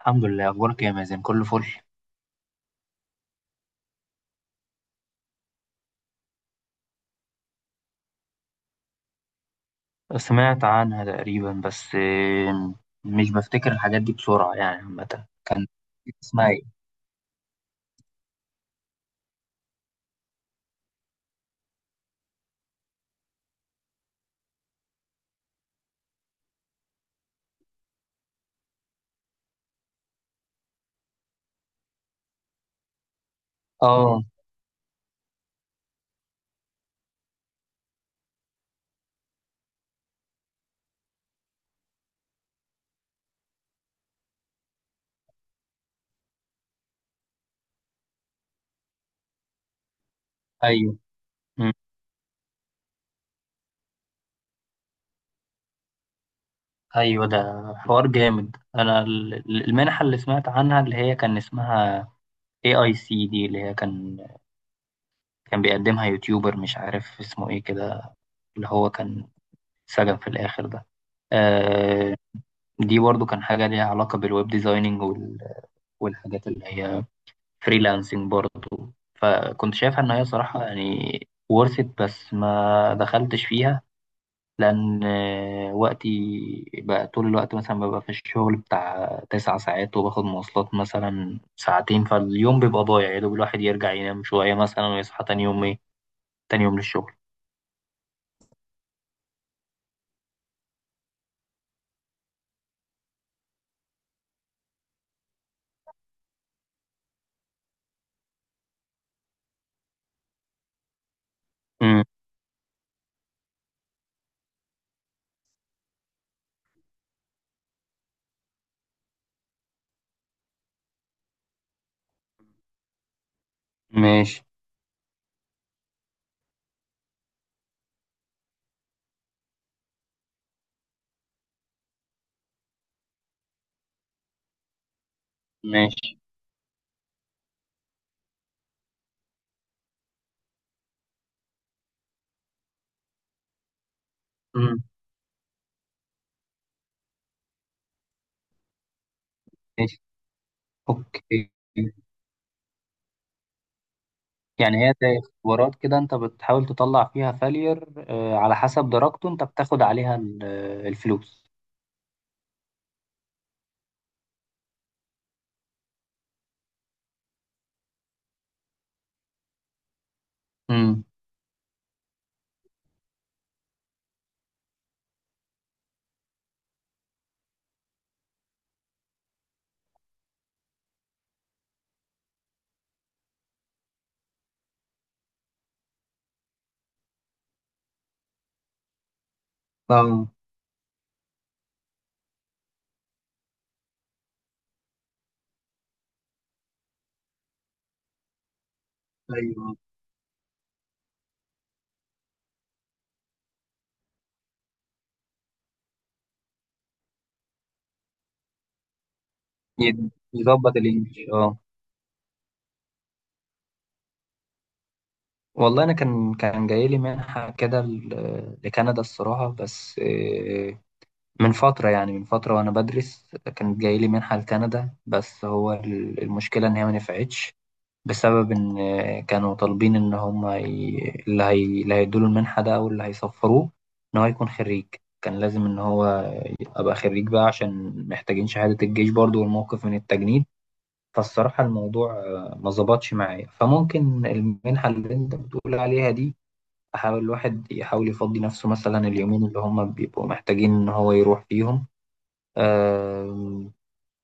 الحمد لله. أخبارك يا مازن؟ كله فل. سمعت عنها تقريبا بس مش بفتكر الحاجات دي بسرعة، يعني عامة كان اسمها ايه؟ اه، ايوه. مم. ايوه، ده حوار جامد. انا المنحة اللي سمعت عنها اللي هي كان اسمها اي اي سي دي، اللي هي كان بيقدمها يوتيوبر مش عارف اسمه ايه كده، اللي هو كان سجن في الآخر ده. آه، دي برضو كان حاجة ليها علاقة بالويب ديزايننج والحاجات اللي هي فريلانسنج برضه، فكنت شايفها ان هي صراحة يعني ورثت بس ما دخلتش فيها لان وقتي بقى طول الوقت مثلا ببقى في الشغل بتاع تسع ساعات وباخد مواصلات مثلا ساعتين، فاليوم بيبقى ضايع يا دوب الواحد يرجع ينام شوية مثلا ويصحى تاني يوم ايه، تاني يوم للشغل. مم. ماشي. ماشي. مم. ماشي. اوكي. يعني هي زي اختبارات كده، انت بتحاول تطلع فيها فالير على حسب درجته انت بتاخد عليها الفلوس. امم. اه. ايوه، يظبط الانجليش. اه والله انا كان جاي لي منحه كده لكندا الصراحه، بس من فتره يعني من فتره وانا بدرس كانت جاي لي منحه لكندا، بس هو المشكله ان هي ما نفعتش بسبب ان كانوا طالبين ان هم اللي هيدوا له المنحه ده او اللي هيسفروه ان هو يكون خريج. كان لازم ان هو ابقى خريج بقى عشان محتاجين شهاده الجيش برضو والموقف من التجنيد. فالصراحة الموضوع ما ظبطش معايا، فممكن المنحة اللي انت بتقول عليها دي احاول الواحد يحاول يفضي نفسه مثلا اليومين اللي هم بيبقوا محتاجين ان هو يروح فيهم. آم،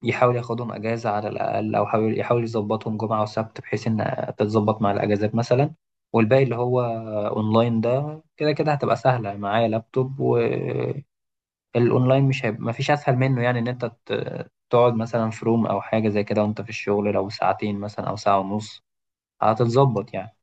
يحاول ياخدهم اجازة على الاقل او حاول يحاول يظبطهم جمعة وسبت بحيث ان تتظبط مع الاجازات مثلا. والباقي اللي هو اونلاين ده كده كده هتبقى سهلة معايا لابتوب. الاونلاين مش هيبقى مفيش اسهل منه، يعني ان انت تقعد مثلا في روم او حاجه زي كده وانت في الشغل لو ساعتين مثلا او ساعه ونص هتتظبط يعني.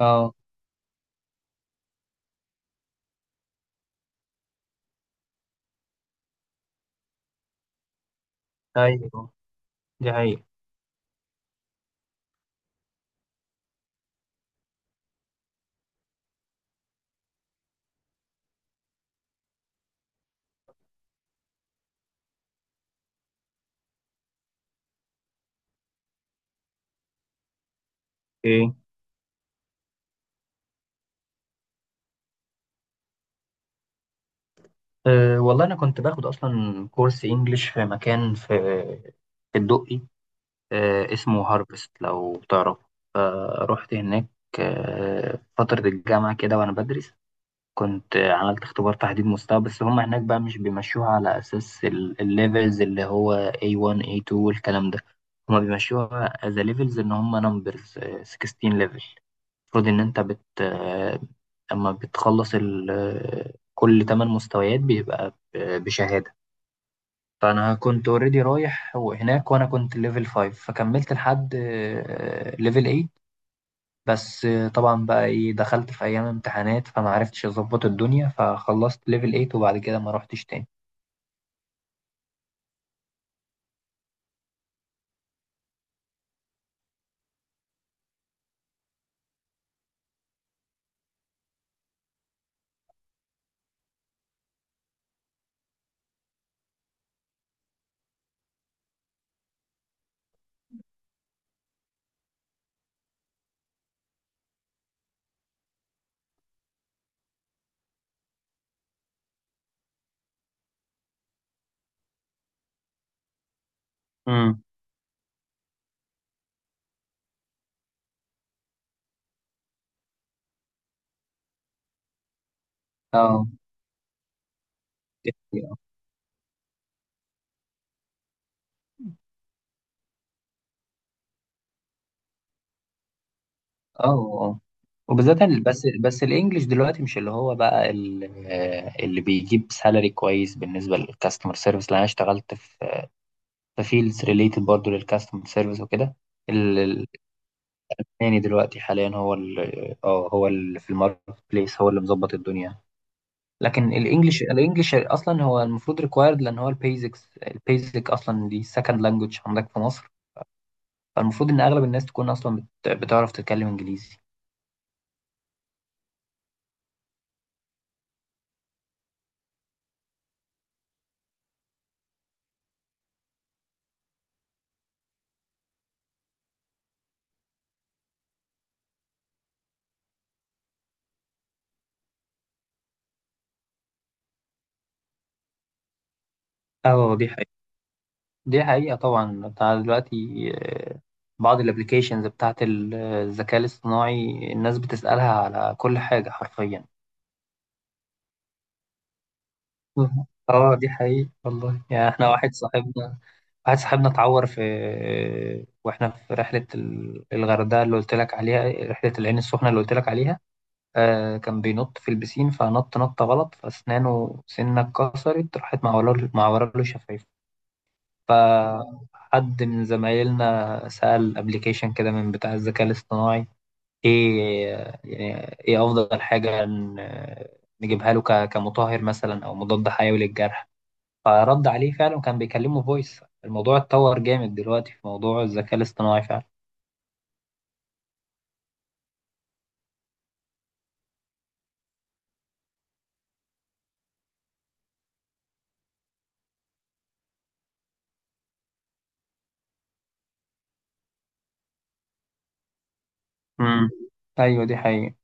اه. ايوه دي حقيقة. ايه؟ أه والله انا كنت باخد اصلا كورس انجليش في مكان في في الدقي. أه اسمه هارفست لو تعرف. فرحت هناك أه فترة الجامعة كده وانا بدرس. كنت عملت اختبار تحديد مستوى، بس هم هناك بقى مش بيمشوها على أساس الليفلز اللي هو A1 A2 والكلام ده. هم بيمشوها as a levels إن هم numbers، 16 level. المفروض إن أنت بت آه، أما بتخلص ال... آه، كل 8 مستويات بيبقى بشهادة. فأنا كنت اوريدي رايح هناك وأنا كنت ليفل 5، فكملت لحد ليفل 8 بس. طبعا بقى ايه، دخلت في ايام امتحانات فما عرفتش اظبط الدنيا، فخلصت ليفل 8 وبعد كده ما روحتش تاني. امم. اه. اه. اه وبالذات بس الانجليش دلوقتي مش اللي هو بقى اللي بيجيب سالري كويس بالنسبه للكاستمر سيرفيس، لان انا اشتغلت في في فيلدز ريليتد برضه للكاستمر سيرفيس وكده. ال- التاني دلوقتي حاليا هو هو اللي في الماركت بليس هو اللي مظبط الدنيا. لكن الانجليش الانجليش اصلا هو المفروض ريكوايرد، لان هو البيزكس البيزك اصلا دي سكند لانجوج عندك في مصر. فالمفروض ان اغلب الناس تكون اصلا بتعرف تتكلم انجليزي. اه دي حقيقة. دي حقيقة طبعا بتاع دلوقتي. آه، بعض الابليكيشنز بتاعت الذكاء الاصطناعي الناس بتسألها على كل حاجة حرفيا. مهم. اه دي حقيقة والله، يعني احنا واحد صاحبنا واحد صاحبنا اتعور في، واحنا في رحلة الغردقة اللي قلت لك عليها، رحلة العين السخنة اللي قلت لك عليها. آه كان بينط في البسين فنط نطة غلط فأسنانه سنة اتكسرت، راحت معوراله معوراله شفايفه. فحد من زمايلنا سأل أبليكيشن كده من بتاع الذكاء الاصطناعي إيه، يعني إيه أفضل حاجة نجيبها له كمطهر مثلا أو مضاد حيوي للجرح. فرد عليه فعلا وكان بيكلمه فويس. الموضوع اتطور جامد دلوقتي في موضوع الذكاء الاصطناعي فعلا. مم. أيوة دي حقيقة.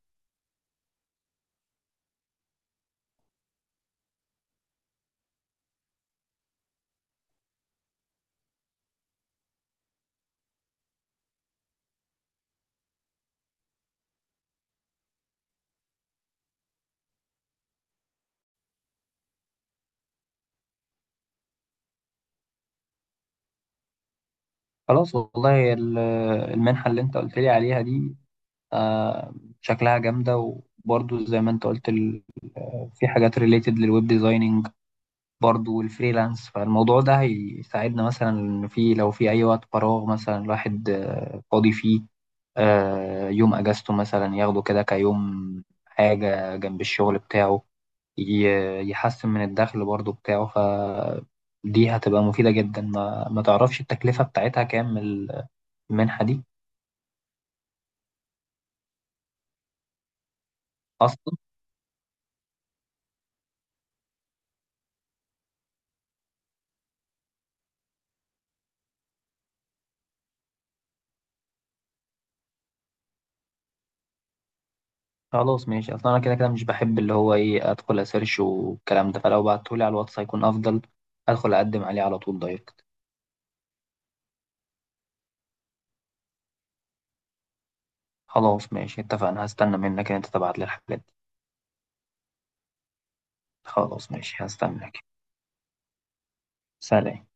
خلاص والله المنحة اللي أنت قلت لي عليها دي آه، شكلها جامدة. وبرضو زي ما انت قلت في حاجات ريليتد للويب ديزايننج برضو والفريلانس. فالموضوع ده هيساعدنا مثلا إن في لو في أي وقت فراغ مثلا الواحد فاضي فيه يوم أجازته مثلا ياخده كده كيوم حاجة جنب الشغل بتاعه، يحسن من الدخل برضو بتاعه. فدي هتبقى مفيدة جدا. ما تعرفش التكلفة بتاعتها كام المنحة دي أصلا؟ خلاص ماشي، اصلا انا كده كده مش بحب اللي هو ايه ادخل اسيرش والكلام ده، فلو بعتهولي على الواتس هيكون افضل. ادخل اقدم عليه على طول دايركت. خلاص ماشي اتفقنا. هستنى منك ان انت تبعت لي الحاجات دي. خلاص ماشي هستناك. سلام.